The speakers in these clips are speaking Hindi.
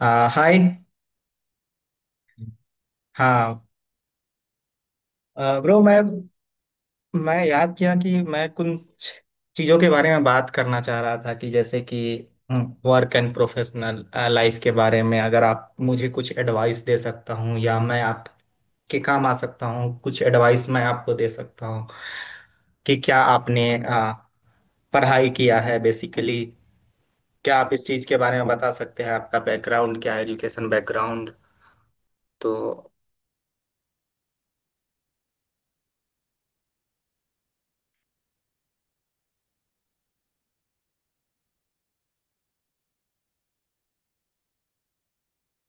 हाय। हाँ ब्रो, मैं याद किया कि मैं कुछ चीज़ों के बारे में बात करना चाह रहा था कि जैसे कि वर्क एंड प्रोफेशनल लाइफ के बारे में। अगर आप मुझे कुछ एडवाइस दे सकता हूँ या मैं आपके काम आ सकता हूँ कुछ एडवाइस मैं आपको दे सकता हूँ कि क्या आपने पढ़ाई किया है बेसिकली। क्या आप इस चीज़ के बारे में बता सकते हैं आपका बैकग्राउंड क्या है एजुकेशन बैकग्राउंड। तो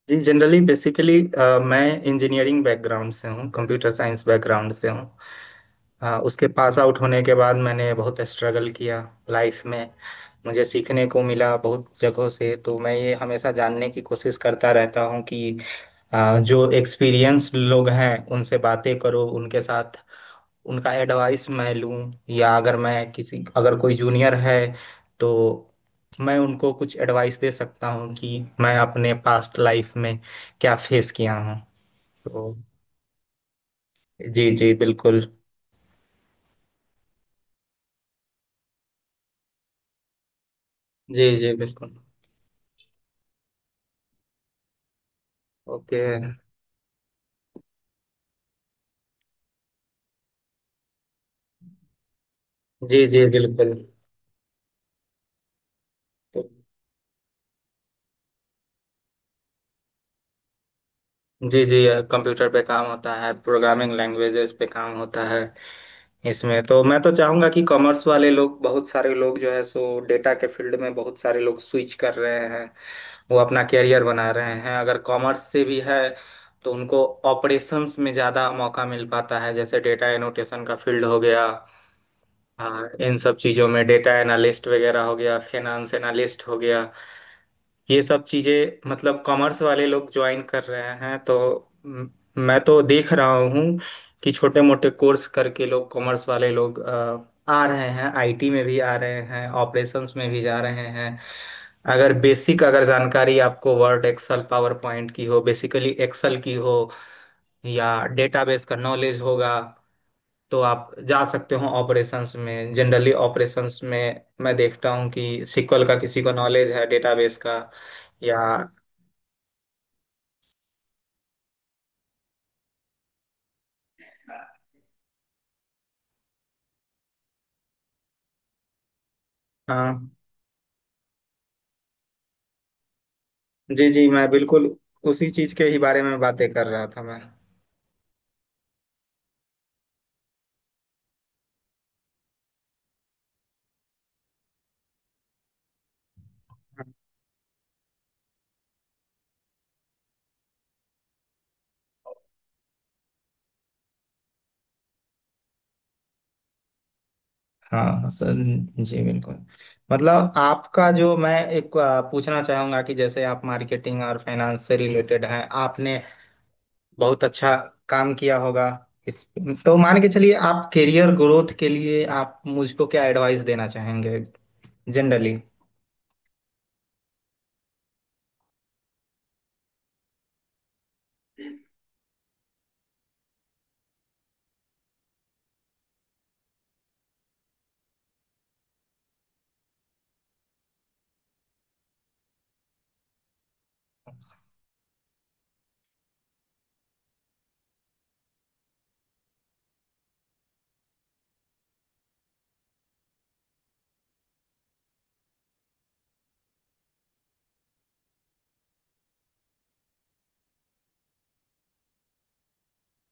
जी जनरली बेसिकली मैं इंजीनियरिंग बैकग्राउंड से हूँ कंप्यूटर साइंस बैकग्राउंड से हूँ। उसके पास आउट होने के बाद मैंने बहुत स्ट्रगल किया लाइफ में। मुझे सीखने को मिला बहुत जगहों से, तो मैं ये हमेशा जानने की कोशिश करता रहता हूँ कि जो एक्सपीरियंस लोग हैं उनसे बातें करो, उनके साथ उनका एडवाइस मैं लूं, या अगर मैं किसी अगर कोई जूनियर है तो मैं उनको कुछ एडवाइस दे सकता हूं कि मैं अपने पास्ट लाइफ में क्या फेस किया हूं। तो जी जी बिल्कुल। जी जी बिल्कुल। ओके। जी जी बिल्कुल। तो- जी जी। कंप्यूटर पे काम होता है, प्रोग्रामिंग लैंग्वेजेस पे काम होता है। इसमें तो मैं तो चाहूंगा कि कॉमर्स वाले लोग, बहुत सारे लोग जो है सो डेटा के फील्ड में बहुत सारे लोग स्विच कर रहे हैं। वो अपना कैरियर बना रहे हैं। अगर कॉमर्स से भी है तो उनको ऑपरेशंस में ज़्यादा मौका मिल पाता है, जैसे डेटा एनोटेशन का फील्ड हो गया। हाँ, इन सब चीज़ों में डेटा एनालिस्ट वगैरह हो गया, फाइनेंस एनालिस्ट हो गया। ये सब चीज़ें मतलब कॉमर्स वाले लोग ज्वाइन कर रहे हैं, तो म- मैं तो देख रहा हूँ कि छोटे मोटे कोर्स करके लोग, कॉमर्स वाले लोग आ रहे हैं, आईटी में भी आ रहे हैं, ऑपरेशंस में भी जा रहे हैं। अगर बेसिक अगर जानकारी आपको वर्ड एक्सेल पावर पॉइंट की हो, बेसिकली एक्सेल की हो, या डेटाबेस का नॉलेज होगा, तो आप जा सकते हो ऑपरेशंस में। जनरली ऑपरेशंस में मैं देखता हूँ कि सीक्वल का किसी को नॉलेज है, डेटाबेस का या हाँ। जी जी मैं बिल्कुल उसी चीज के ही बारे में बातें कर रहा था मैं। हाँ सर। जी बिल्कुल। मतलब आपका जो, मैं एक पूछना चाहूंगा कि जैसे आप मार्केटिंग और फाइनेंस से रिलेटेड हैं, आपने बहुत अच्छा काम किया होगा इस। तो मान के चलिए, आप करियर ग्रोथ के लिए आप मुझको क्या एडवाइस देना चाहेंगे जनरली।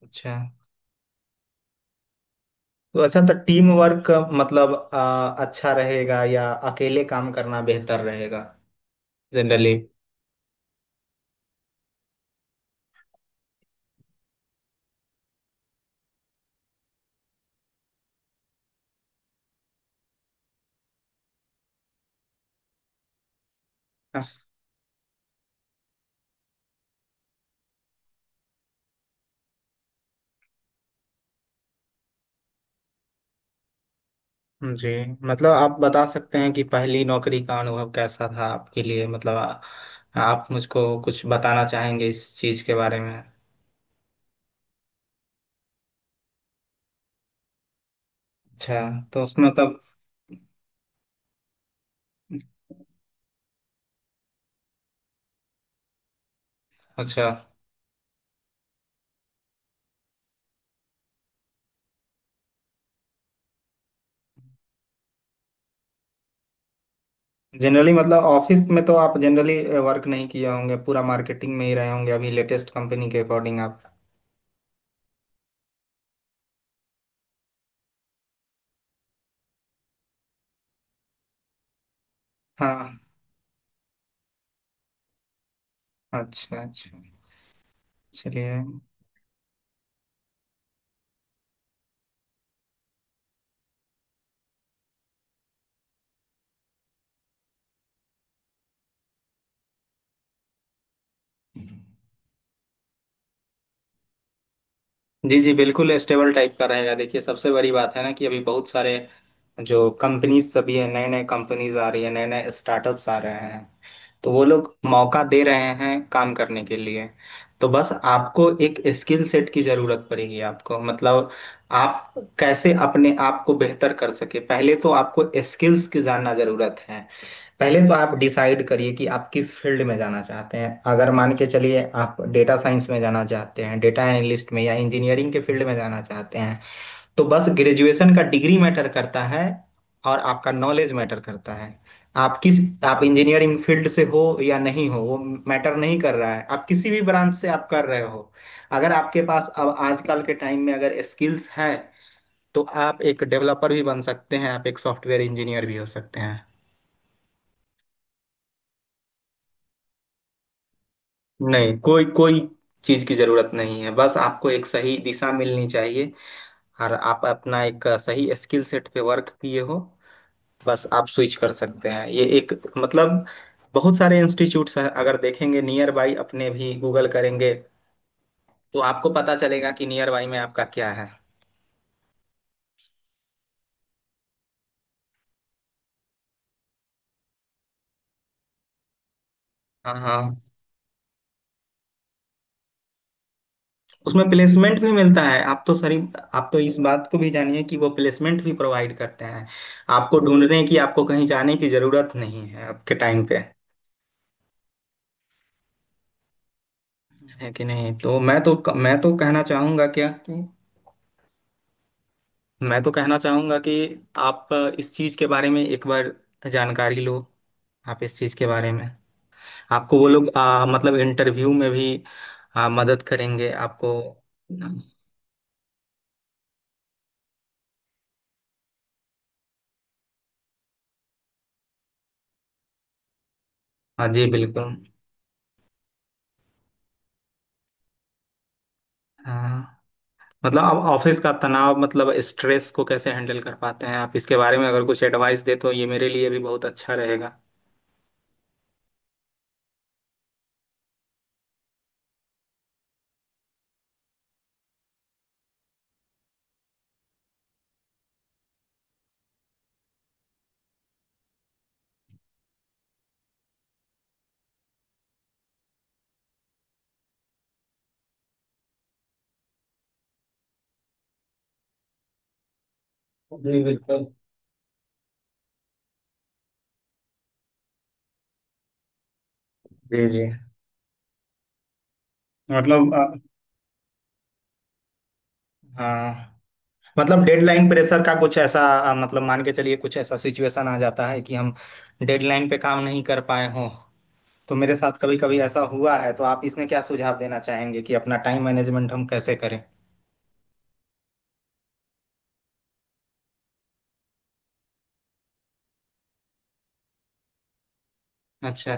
अच्छा। तो अच्छा, तो टीम वर्क मतलब अच्छा रहेगा, या अकेले काम करना बेहतर रहेगा जनरली। जी। मतलब आप बता सकते हैं कि पहली नौकरी का अनुभव कैसा था आपके लिए। मतलब आप मुझको कुछ बताना चाहेंगे इस चीज के बारे में। अच्छा। तो उसमें मतलब। अच्छा। जनरली मतलब ऑफिस में तो आप जनरली वर्क नहीं किए होंगे, पूरा मार्केटिंग में ही रहे होंगे अभी लेटेस्ट कंपनी के अकॉर्डिंग आप। हाँ। अच्छा अच्छा। चलिए। जी जी बिल्कुल स्टेबल टाइप का रहेगा। देखिए सबसे बड़ी बात है ना, कि अभी बहुत सारे जो कंपनीज सभी है, नए नए कंपनीज आ रही है, नए नए स्टार्टअप्स आ रहे हैं, तो वो लोग मौका दे रहे हैं काम करने के लिए। तो बस आपको एक स्किल सेट की जरूरत पड़ेगी। आपको मतलब, आप कैसे अपने आप को बेहतर कर सके, पहले तो आपको स्किल्स की जानना जरूरत है। पहले तो आप डिसाइड करिए कि आप किस फील्ड में जाना चाहते हैं। अगर मान के चलिए आप डेटा साइंस में जाना चाहते हैं, डेटा एनालिस्ट में, या इंजीनियरिंग के फील्ड में जाना चाहते हैं, तो बस ग्रेजुएशन का डिग्री मैटर करता है और आपका नॉलेज मैटर करता है। आप किस, आप इंजीनियरिंग फील्ड से हो या नहीं हो, वो मैटर नहीं कर रहा है। आप किसी भी ब्रांच से आप कर रहे हो, अगर आपके पास अब आजकल के टाइम में अगर स्किल्स हैं, तो आप एक डेवलपर भी बन सकते हैं, आप एक सॉफ्टवेयर इंजीनियर भी हो सकते हैं। नहीं, कोई कोई चीज की जरूरत नहीं है। बस आपको एक सही दिशा मिलनी चाहिए, और आप अपना एक सही स्किल सेट पे वर्क किए हो, बस आप स्विच कर सकते हैं। ये एक मतलब, बहुत सारे इंस्टीट्यूट्स हैं, अगर देखेंगे नियर बाई अपने भी गूगल करेंगे तो आपको पता चलेगा कि नियर बाई में आपका क्या है। हाँ हाँ, उसमें प्लेसमेंट भी मिलता है। आप तो सरी, आप तो इस बात को भी जानिए कि वो प्लेसमेंट भी प्रोवाइड करते हैं। आपको ढूंढने की, आपको कहीं जाने की जरूरत नहीं है आपके टाइम पे, है कि नहीं। तो मैं तो कहना चाहूंगा क्या कि, मैं तो कहना चाहूंगा कि आप इस चीज के बारे में एक बार जानकारी लो। आप इस चीज के बारे में, आपको वो लोग मतलब इंटरव्यू में भी मदद करेंगे आपको। हाँ जी बिल्कुल। हाँ मतलब, आप ऑफिस का तनाव मतलब स्ट्रेस को कैसे हैंडल कर पाते हैं। आप इसके बारे में अगर कुछ एडवाइस दे, तो ये मेरे लिए भी बहुत अच्छा रहेगा। जी बिल्कुल। जी जी। मतलब हाँ, मतलब डेडलाइन प्रेशर का कुछ ऐसा मतलब मान के चलिए कुछ ऐसा सिचुएशन आ जाता है कि हम डेडलाइन पे काम नहीं कर पाए हों। तो मेरे साथ कभी कभी ऐसा हुआ है, तो आप इसमें क्या सुझाव देना चाहेंगे कि अपना टाइम मैनेजमेंट हम कैसे करें। अच्छा।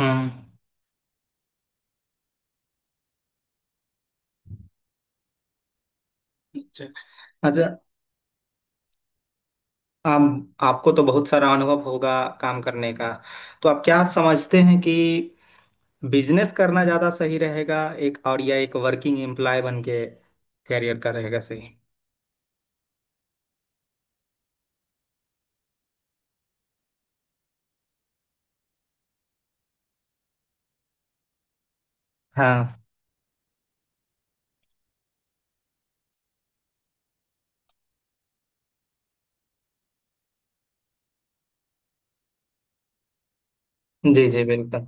हम्म। अच्छा अच्छा। आप, आपको तो बहुत सारा अनुभव होगा काम करने का। तो आप क्या समझते हैं कि बिजनेस करना ज्यादा सही रहेगा एक और, या एक वर्किंग एम्प्लॉय बन के करियर का रहेगा सही। हाँ। जी जी बिल्कुल।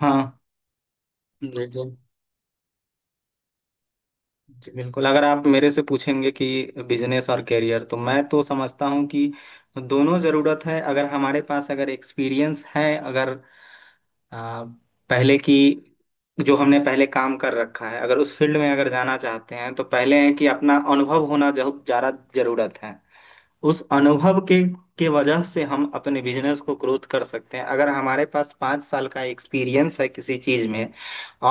हाँ। जी जी जी बिल्कुल। अगर आप मेरे से पूछेंगे कि बिजनेस और करियर, तो मैं तो समझता हूँ कि दोनों ज़रूरत है। अगर हमारे पास अगर एक्सपीरियंस है, अगर आ, पहले की जो हमने पहले काम कर रखा है, अगर उस फील्ड में अगर जाना चाहते हैं, तो पहले है कि अपना अनुभव होना ज़्यादा ज़रूरत है। उस अनुभव के वजह से हम अपने बिजनेस को ग्रोथ कर सकते हैं। अगर हमारे पास 5 साल का एक्सपीरियंस है किसी चीज में,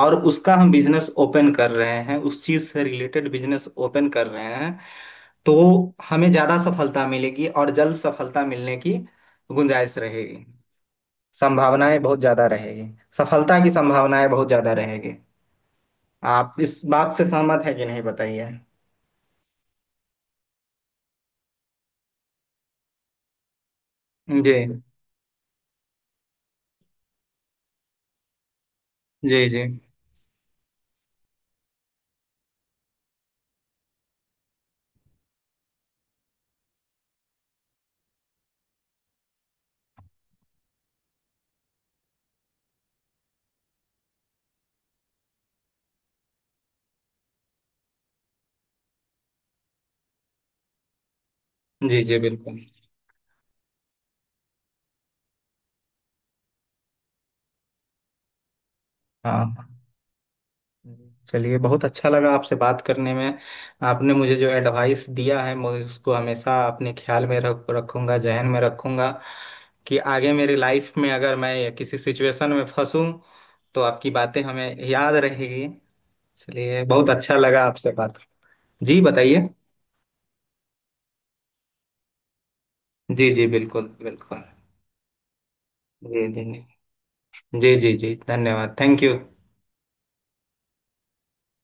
और उसका हम बिजनेस ओपन कर रहे हैं, उस चीज से रिलेटेड बिजनेस ओपन कर रहे हैं, तो हमें ज्यादा सफलता मिलेगी और जल्द सफलता मिलने की गुंजाइश रहेगी। संभावनाएं बहुत ज्यादा रहेगी, सफलता की संभावनाएं बहुत ज्यादा रहेगी। आप इस बात से सहमत है कि नहीं बताइए। जी जी जी जी जी बिल्कुल। हाँ चलिए, बहुत अच्छा लगा आपसे बात करने में। आपने मुझे जो एडवाइस दिया है, मैं उसको हमेशा अपने ख्याल में रख रखूंगा, जहन में रखूंगा, कि आगे मेरी लाइफ में अगर मैं किसी सिचुएशन में फंसूं तो आपकी बातें हमें याद रहेगी। चलिए, बहुत अच्छा लगा आपसे बात। जी बताइए। जी जी बिल्कुल बिल्कुल। जी जी जी जी जी जी धन्यवाद। Thank you.